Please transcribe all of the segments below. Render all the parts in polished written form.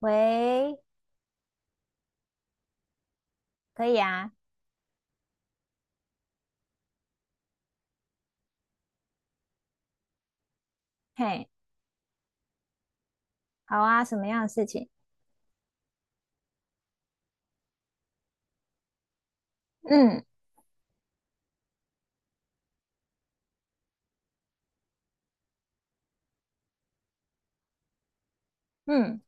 喂，可以啊，嘿，好啊，什么样的事情？嗯嗯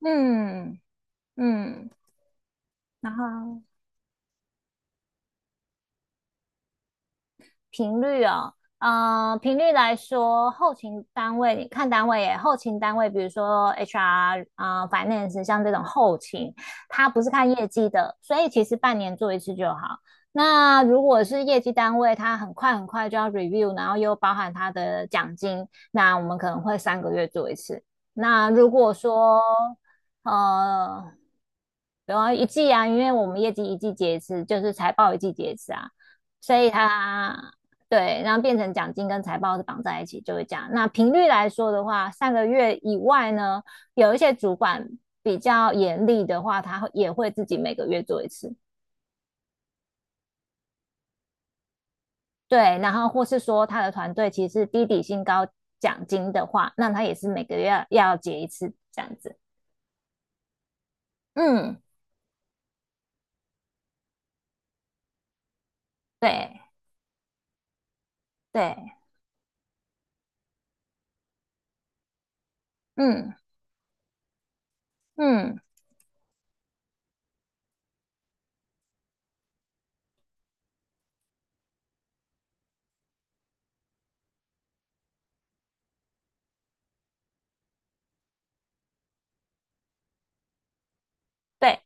嗯嗯，然后频率来说，后勤单位你看单位耶，后勤单位，比如说 HR 啊、finance，像这种后勤，它不是看业绩的，所以其实半年做一次就好。那如果是业绩单位，它很快很快就要 review，然后又包含它的奖金，那我们可能会3个月做一次。那如果说呃，然后一季啊，因为我们业绩一季结一次，就是财报一季结一次啊，所以对，然后变成奖金跟财报是绑在一起，就会这样。那频率来说的话，上个月以外呢，有一些主管比较严厉的话，他也会自己每个月做一次。对，然后或是说他的团队其实是低底薪高奖金的话，那他也是每个月要结一次这样子。嗯，对对，嗯嗯对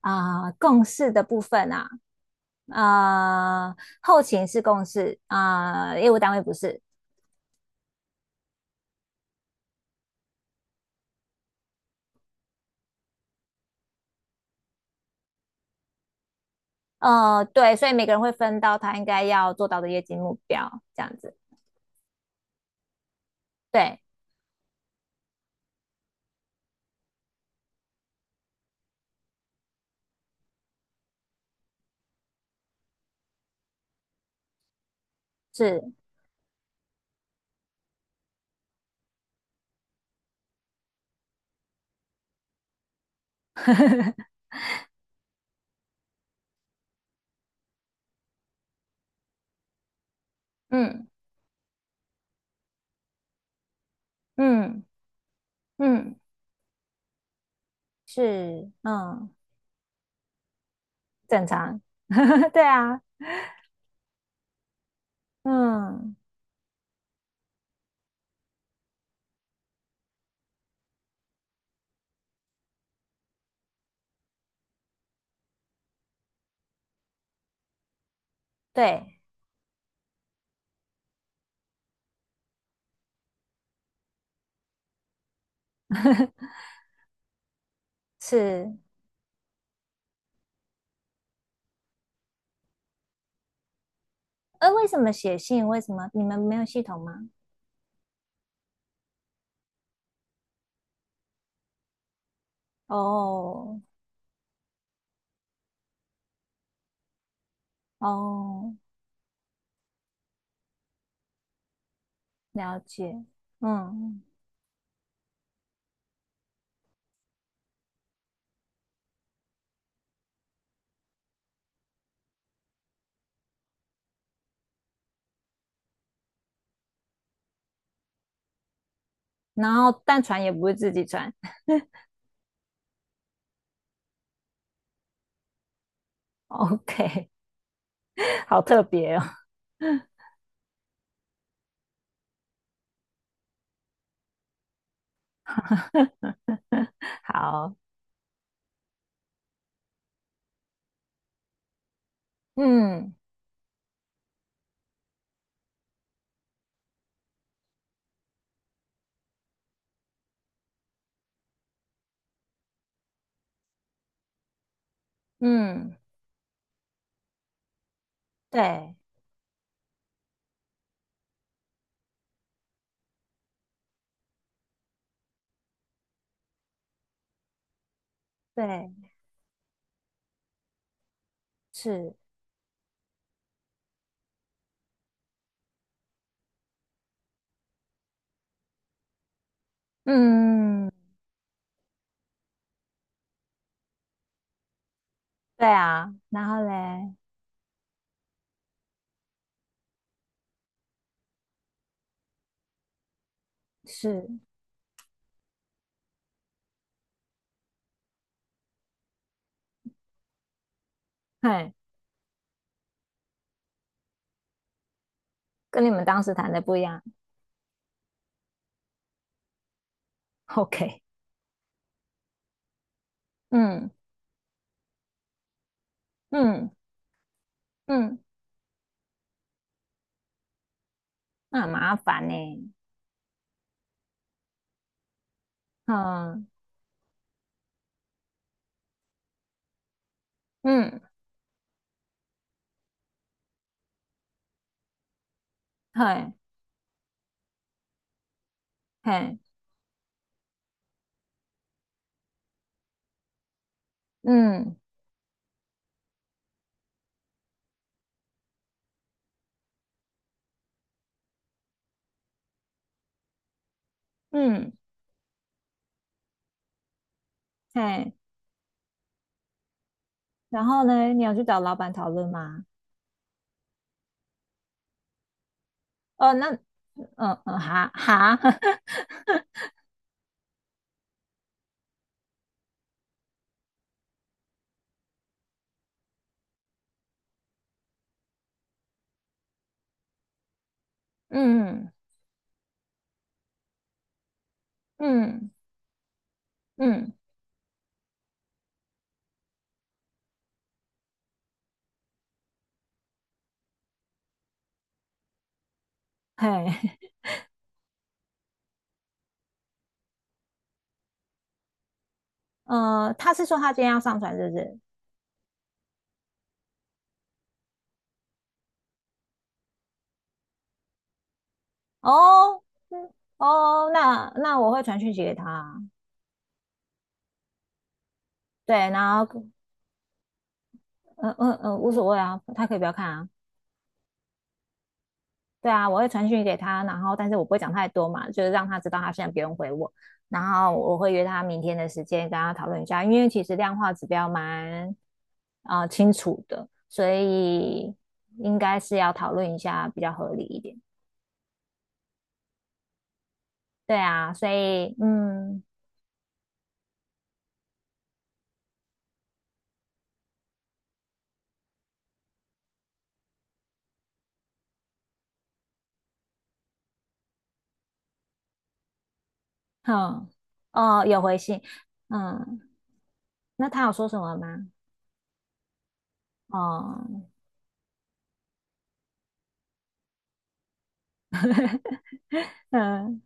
啊、共事的部分啊，呃，后勤是共事啊、业务单位不是，对，所以每个人会分到他应该要做到的业绩目标，这样子。对，是，嗯嗯嗯，是，嗯，正常。对啊，嗯，对，是。为什么写信？为什么你们没有系统吗？哦哦，了解。嗯，然后但传也不是自己传。OK，好特别哦。好，嗯嗯。对对是，嗯，对啊，然后嘞是，嘿，跟你们当时谈的不一样？OK，嗯嗯嗯，那很麻烦呢。嗯嗯，嘿嘿，嗯嗯嘿，然后呢，你要去找老板讨论吗？哦，那嗯嗯哈哈，嗯嗯嗯，嘿，他是说他今天要上传，是不是？哦，嗯，哦，那我会传讯息给他，对，然后嗯嗯嗯，无所谓啊，他可以不要看啊，对啊，我会传讯息给他，然后但是我不会讲太多嘛，就是让他知道他现在不用回我，然后我会约他明天的时间跟他讨论一下，因为其实量化指标蛮清楚的，所以应该是要讨论一下比较合理一点，对啊，所以嗯哼，哦，有回信，嗯，那他有说什么吗？哦、嗯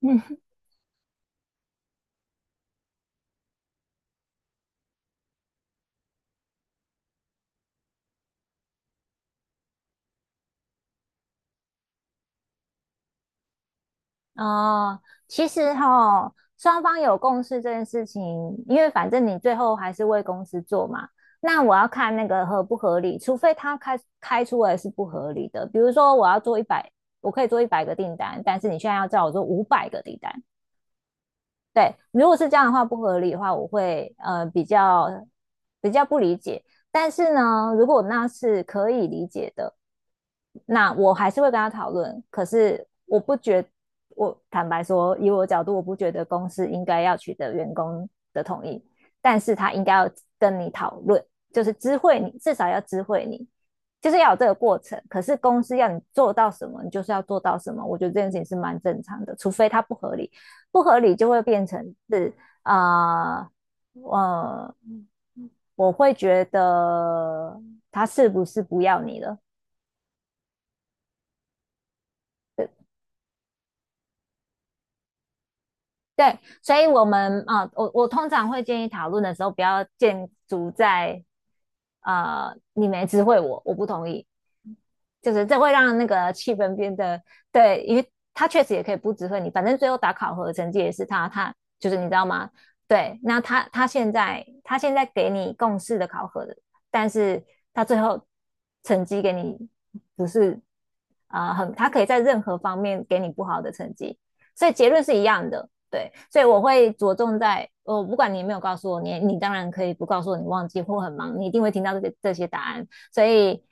嗯哦，其实哈，双方有共识这件事情，因为反正你最后还是为公司做嘛。那我要看那个合不合理，除非他开出来是不合理的。比如说，我要做一百，我可以做100个订单，但是你现在要叫我做500个订单，对，如果是这样的话不合理的话，我会比较不理解。但是呢，如果那是可以理解的，那我还是会跟他讨论。可是我不觉，我坦白说，以我的角度，我不觉得公司应该要取得员工的同意，但是他应该要跟你讨论，就是知会你，至少要知会你，就是要有这个过程。可是公司要你做到什么，你就是要做到什么。我觉得这件事情是蛮正常的，除非它不合理。不合理就会变成是啊，呃我会觉得他是不是不要你了？对对，所以我们我通常会建议讨论的时候，不要建筑在你没知会我，我不同意，就是这会让那个气氛变得对，因为他确实也可以不指挥你，反正最后打考核成绩也是他，他就是你知道吗？对，那他现在给你共事的考核的，但是他最后成绩给你不是很，他可以在任何方面给你不好的成绩，所以结论是一样的。对，所以我会着重在，不管你有没有告诉我，你当然可以不告诉我你忘记或很忙，你一定会听到这些答案。所以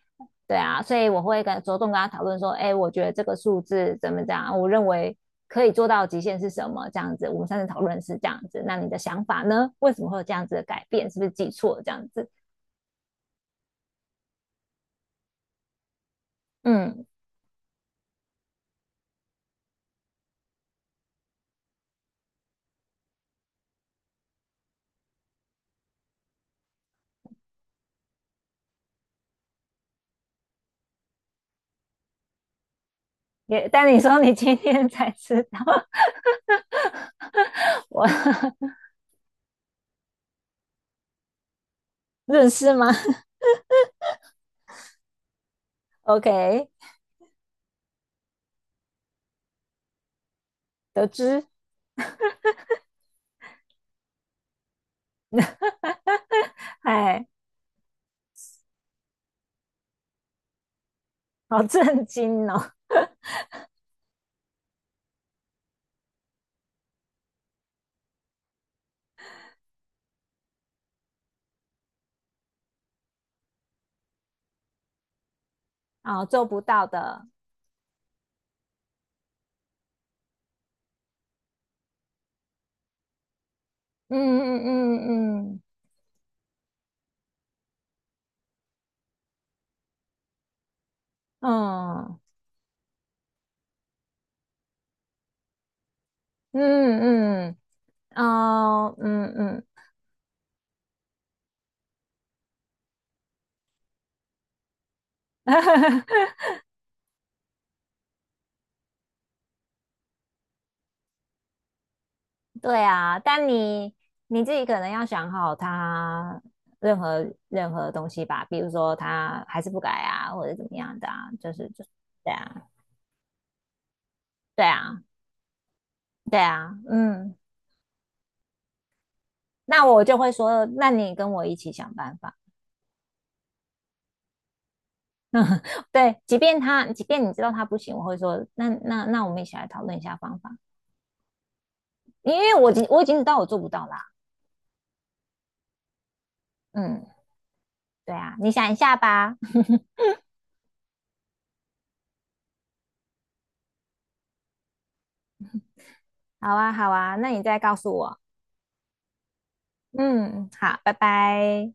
对啊，所以我会跟着重跟他讨论说，哎，我觉得这个数字怎么讲，我认为可以做到极限是什么？这样子，我们上次讨论是这样子，那你的想法呢？为什么会有这样子的改变？是不是记错这样子？嗯，也，但你说你今天才知道，我认识吗？OK，得知，哎，好震惊哦，啊、哦做不到的，嗯嗯嗯嗯嗯。嗯嗯嗯，哦，嗯嗯，对啊，但你自己可能要想好他任何东西吧，比如说他还是不改啊，或者怎么样的啊，就是就对啊，对啊，对啊，嗯，那我就会说，那你跟我一起想办法。对，即便你知道他不行，我会说，那我们一起来讨论一下方法，因为我已经知道我做不到啦。嗯，对啊，你想一下吧。好啊，好啊，那你再告诉我。嗯，好，拜拜。